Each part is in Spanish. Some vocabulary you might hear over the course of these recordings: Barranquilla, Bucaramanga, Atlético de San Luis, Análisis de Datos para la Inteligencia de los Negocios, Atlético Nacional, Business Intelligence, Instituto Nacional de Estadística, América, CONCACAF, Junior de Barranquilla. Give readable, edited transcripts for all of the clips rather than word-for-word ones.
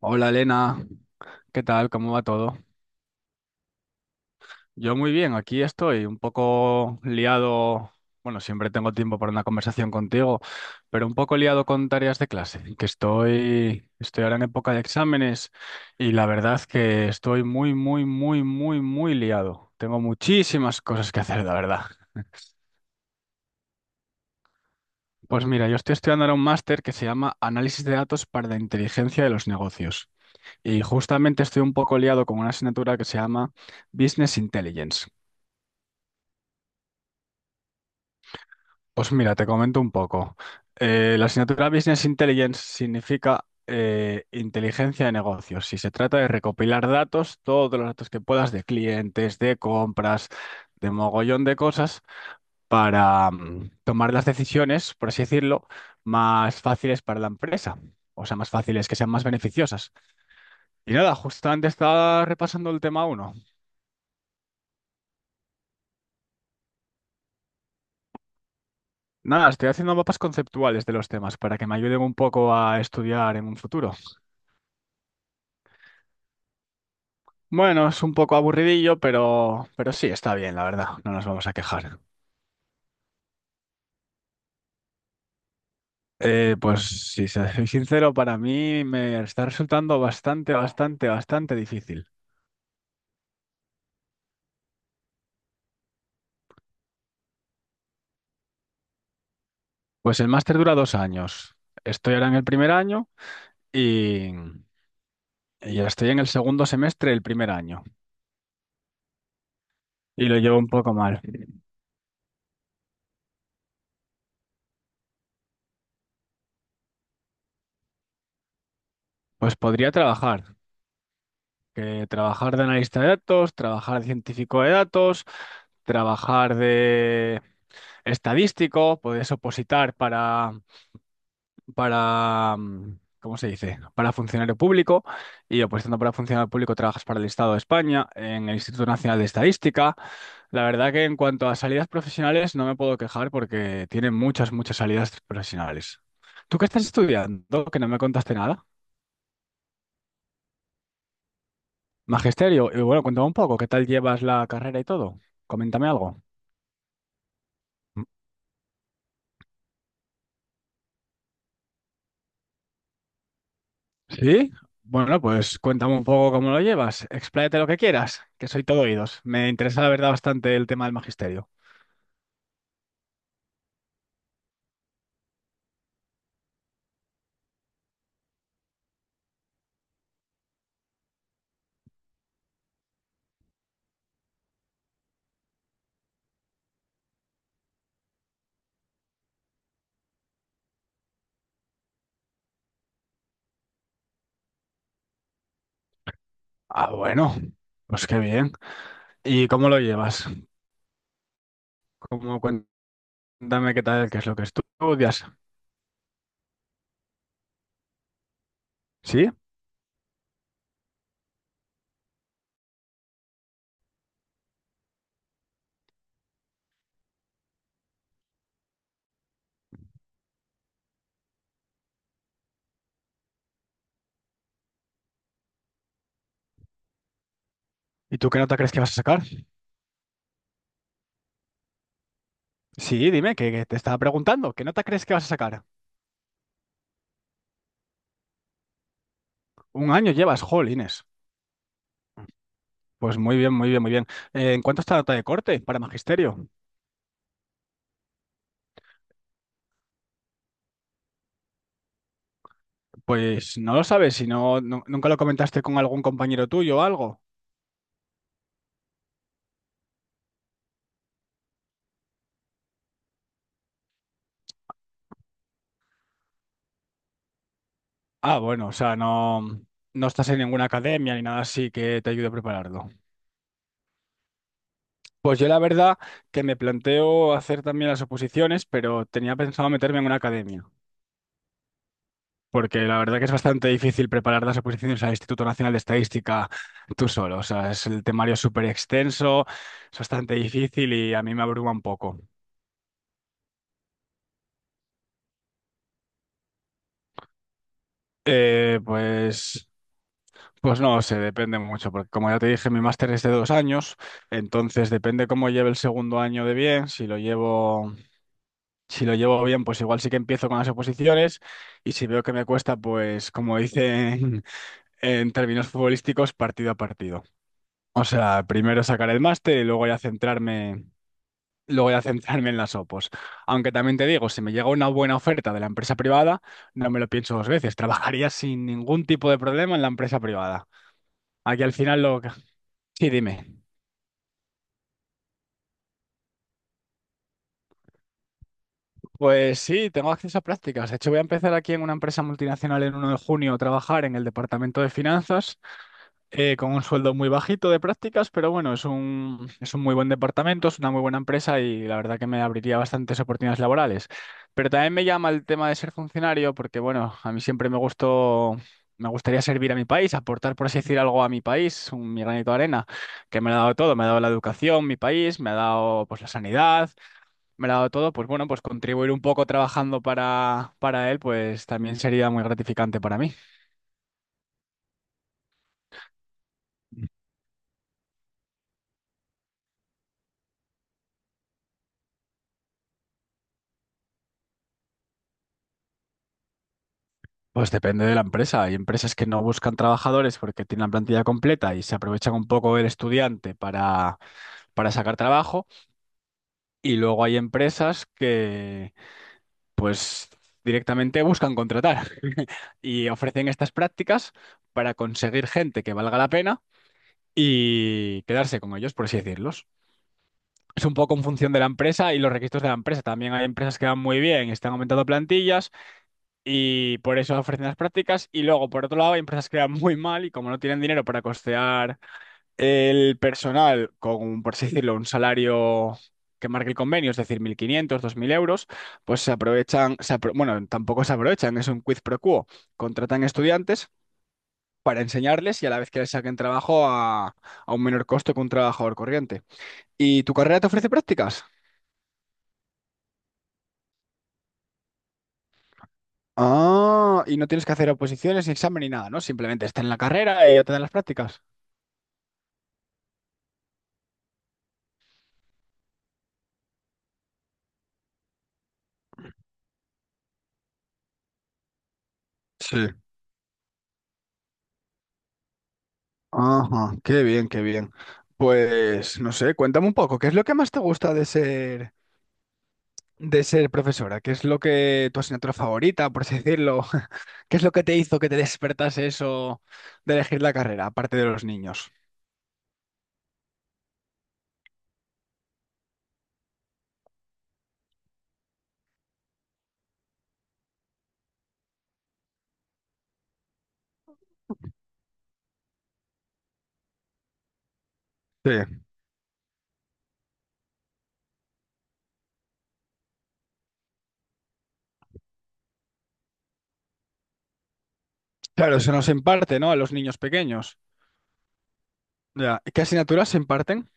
Hola Elena, ¿qué tal? ¿Cómo va todo? Yo muy bien, aquí estoy un poco liado, bueno, siempre tengo tiempo para una conversación contigo, pero un poco liado con tareas de clase, que estoy ahora en época de exámenes y la verdad que estoy muy, muy, muy, muy, muy liado. Tengo muchísimas cosas que hacer, la verdad. Pues mira, yo estoy estudiando ahora un máster que se llama Análisis de Datos para la Inteligencia de los Negocios y justamente estoy un poco liado con una asignatura que se llama Business Intelligence. Pues mira, te comento un poco. La asignatura Business Intelligence significa inteligencia de negocios y se trata de recopilar datos, todos los datos que puedas de clientes, de compras, de mogollón de cosas para tomar las decisiones, por así decirlo, más fáciles para la empresa. O sea, más fáciles, que sean más beneficiosas. Y nada, justamente estaba repasando el tema 1. Nada, estoy haciendo mapas conceptuales de los temas para que me ayuden un poco a estudiar en un futuro. Bueno, es un poco aburridillo, pero sí, está bien, la verdad, no nos vamos a quejar. Pues si soy sincero, para mí me está resultando bastante, bastante, bastante difícil. Pues el máster dura 2 años. Estoy ahora en el primer año y, y estoy en el segundo semestre del primer año y lo llevo un poco mal. Pues podría trabajar, que trabajar de analista de datos, trabajar de científico de datos, trabajar de estadístico, puedes opositar para, ¿cómo se dice? Para funcionario público y opositando para funcionario público trabajas para el Estado de España, en el Instituto Nacional de Estadística. La verdad que en cuanto a salidas profesionales no me puedo quejar porque tienen muchas, muchas salidas profesionales. ¿Tú qué estás estudiando? Que no me contaste nada. Magisterio, y bueno, cuéntame un poco, ¿qué tal llevas la carrera y todo? Coméntame algo. Sí, bueno, pues cuéntame un poco cómo lo llevas, expláyate lo que quieras, que soy todo oídos. Me interesa la verdad bastante el tema del magisterio. Ah, bueno, pues qué bien. ¿Y cómo lo llevas? ¿Cómo, cuéntame qué tal, qué es lo que estudias? ¿Sí? ¿Y tú qué nota crees que vas a sacar? Sí, dime, que te estaba preguntando, ¿qué nota crees que vas a sacar? Un año llevas, jolines. Pues muy bien, muy bien, muy bien. ¿En cuánto está la nota de corte para magisterio? Pues no lo sabes, si no, nunca lo comentaste con algún compañero tuyo o algo. Ah, bueno, o sea, no, no estás en ninguna academia ni nada así que te ayude a prepararlo. Pues yo la verdad que me planteo hacer también las oposiciones, pero tenía pensado meterme en una academia, porque la verdad que es bastante difícil preparar las oposiciones al Instituto Nacional de Estadística tú solo. O sea, es el temario es súper extenso, es bastante difícil y a mí me abruma un poco. Eh, pues, pues, no sé, depende mucho, porque como ya te dije, mi máster es de 2 años, entonces depende cómo lleve el segundo año de bien, si lo llevo bien, pues igual sí que empiezo con las oposiciones, y si veo que me cuesta, pues como dicen en términos futbolísticos, partido a partido. O sea, primero sacar el máster y luego ya centrarme en las opos. Aunque también te digo, si me llega una buena oferta de la empresa privada, no me lo pienso dos veces, trabajaría sin ningún tipo de problema en la empresa privada. Aquí al final lo... Sí, dime. Pues sí, tengo acceso a prácticas. De hecho, voy a empezar aquí en una empresa multinacional en 1 de junio a trabajar en el departamento de finanzas con un sueldo muy bajito de prácticas, pero bueno, es un muy buen departamento, es una muy buena empresa y la verdad que me abriría bastantes oportunidades laborales. Pero también me llama el tema de ser funcionario porque, bueno, a mí siempre me gustó, me gustaría servir a mi país, aportar, por así decir, algo a mi país, un, mi granito de arena, que me lo ha dado todo. Me ha dado la educación, mi país, me ha dado pues la sanidad, me lo ha dado todo, pues bueno, pues contribuir un poco trabajando para él, pues también sería muy gratificante para mí. Pues depende de la empresa. Hay empresas que no buscan trabajadores porque tienen la plantilla completa y se aprovechan un poco del estudiante para sacar trabajo. Y luego hay empresas que, pues, directamente buscan contratar y ofrecen estas prácticas para conseguir gente que valga la pena y quedarse con ellos, por así decirlo. Es un poco en función de la empresa y los requisitos de la empresa. También hay empresas que van muy bien, están aumentando plantillas y por eso ofrecen las prácticas. Y luego, por otro lado, hay empresas que van muy mal y como no tienen dinero para costear el personal con, por así decirlo, un salario que marque el convenio, es decir, 1.500, 2.000 euros, pues se aprovechan, se apro- bueno, tampoco se aprovechan, es un quiz pro quo. Contratan estudiantes para enseñarles y a la vez que les saquen trabajo a un menor costo que un trabajador corriente. ¿Y tu carrera te ofrece prácticas? Ah, y no tienes que hacer oposiciones, ni examen ni nada, ¿no? Simplemente está en la carrera y ya te dan las prácticas. Sí. Ajá, qué bien, qué bien. Pues no sé, cuéntame un poco, ¿qué es lo que más te gusta de ser profesora? ¿Qué es lo que tu asignatura favorita, por así decirlo? ¿Qué es lo que te hizo que te despertase eso de elegir la carrera, aparte de los niños? Sí, claro, se nos imparte, ¿no? A los niños pequeños. Ya. ¿Qué asignaturas se imparten?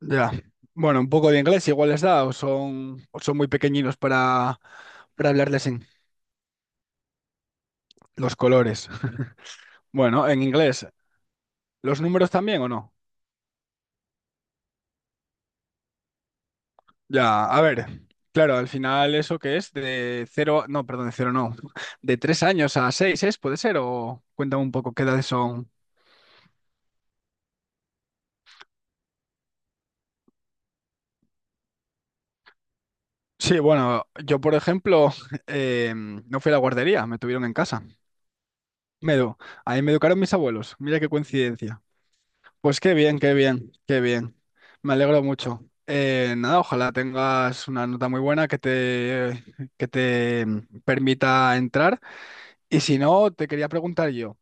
Ya. Bueno, un poco de inglés igual les da, o son muy pequeñinos para hablarles en los colores. Bueno, en inglés, ¿los números también o no? Ya, a ver, claro, al final eso que es de cero, no, perdón, de cero no, de 3 años a 6 es, puede ser, o cuéntame un poco qué edades son. Sí, bueno, yo por ejemplo no fui a la guardería, me tuvieron en casa. Me, edu- Ahí me educaron mis abuelos, mira qué coincidencia. Pues qué bien, qué bien, qué bien. Me alegro mucho. Nada, ojalá tengas una nota muy buena que te permita entrar. Y si no, te quería preguntar yo,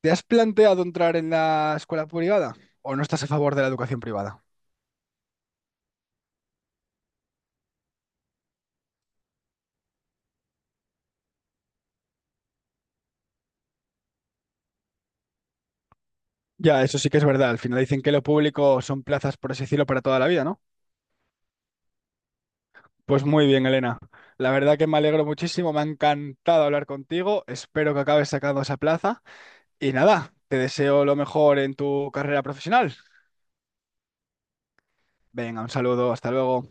¿te has planteado entrar en la escuela privada o no estás a favor de la educación privada? Ya, eso sí que es verdad. Al final dicen que lo público son plazas, por así decirlo, para toda la vida, ¿no? Pues muy bien, Elena. La verdad que me alegro muchísimo, me ha encantado hablar contigo. Espero que acabes sacando esa plaza. Y nada, te deseo lo mejor en tu carrera profesional. Venga, un saludo, hasta luego.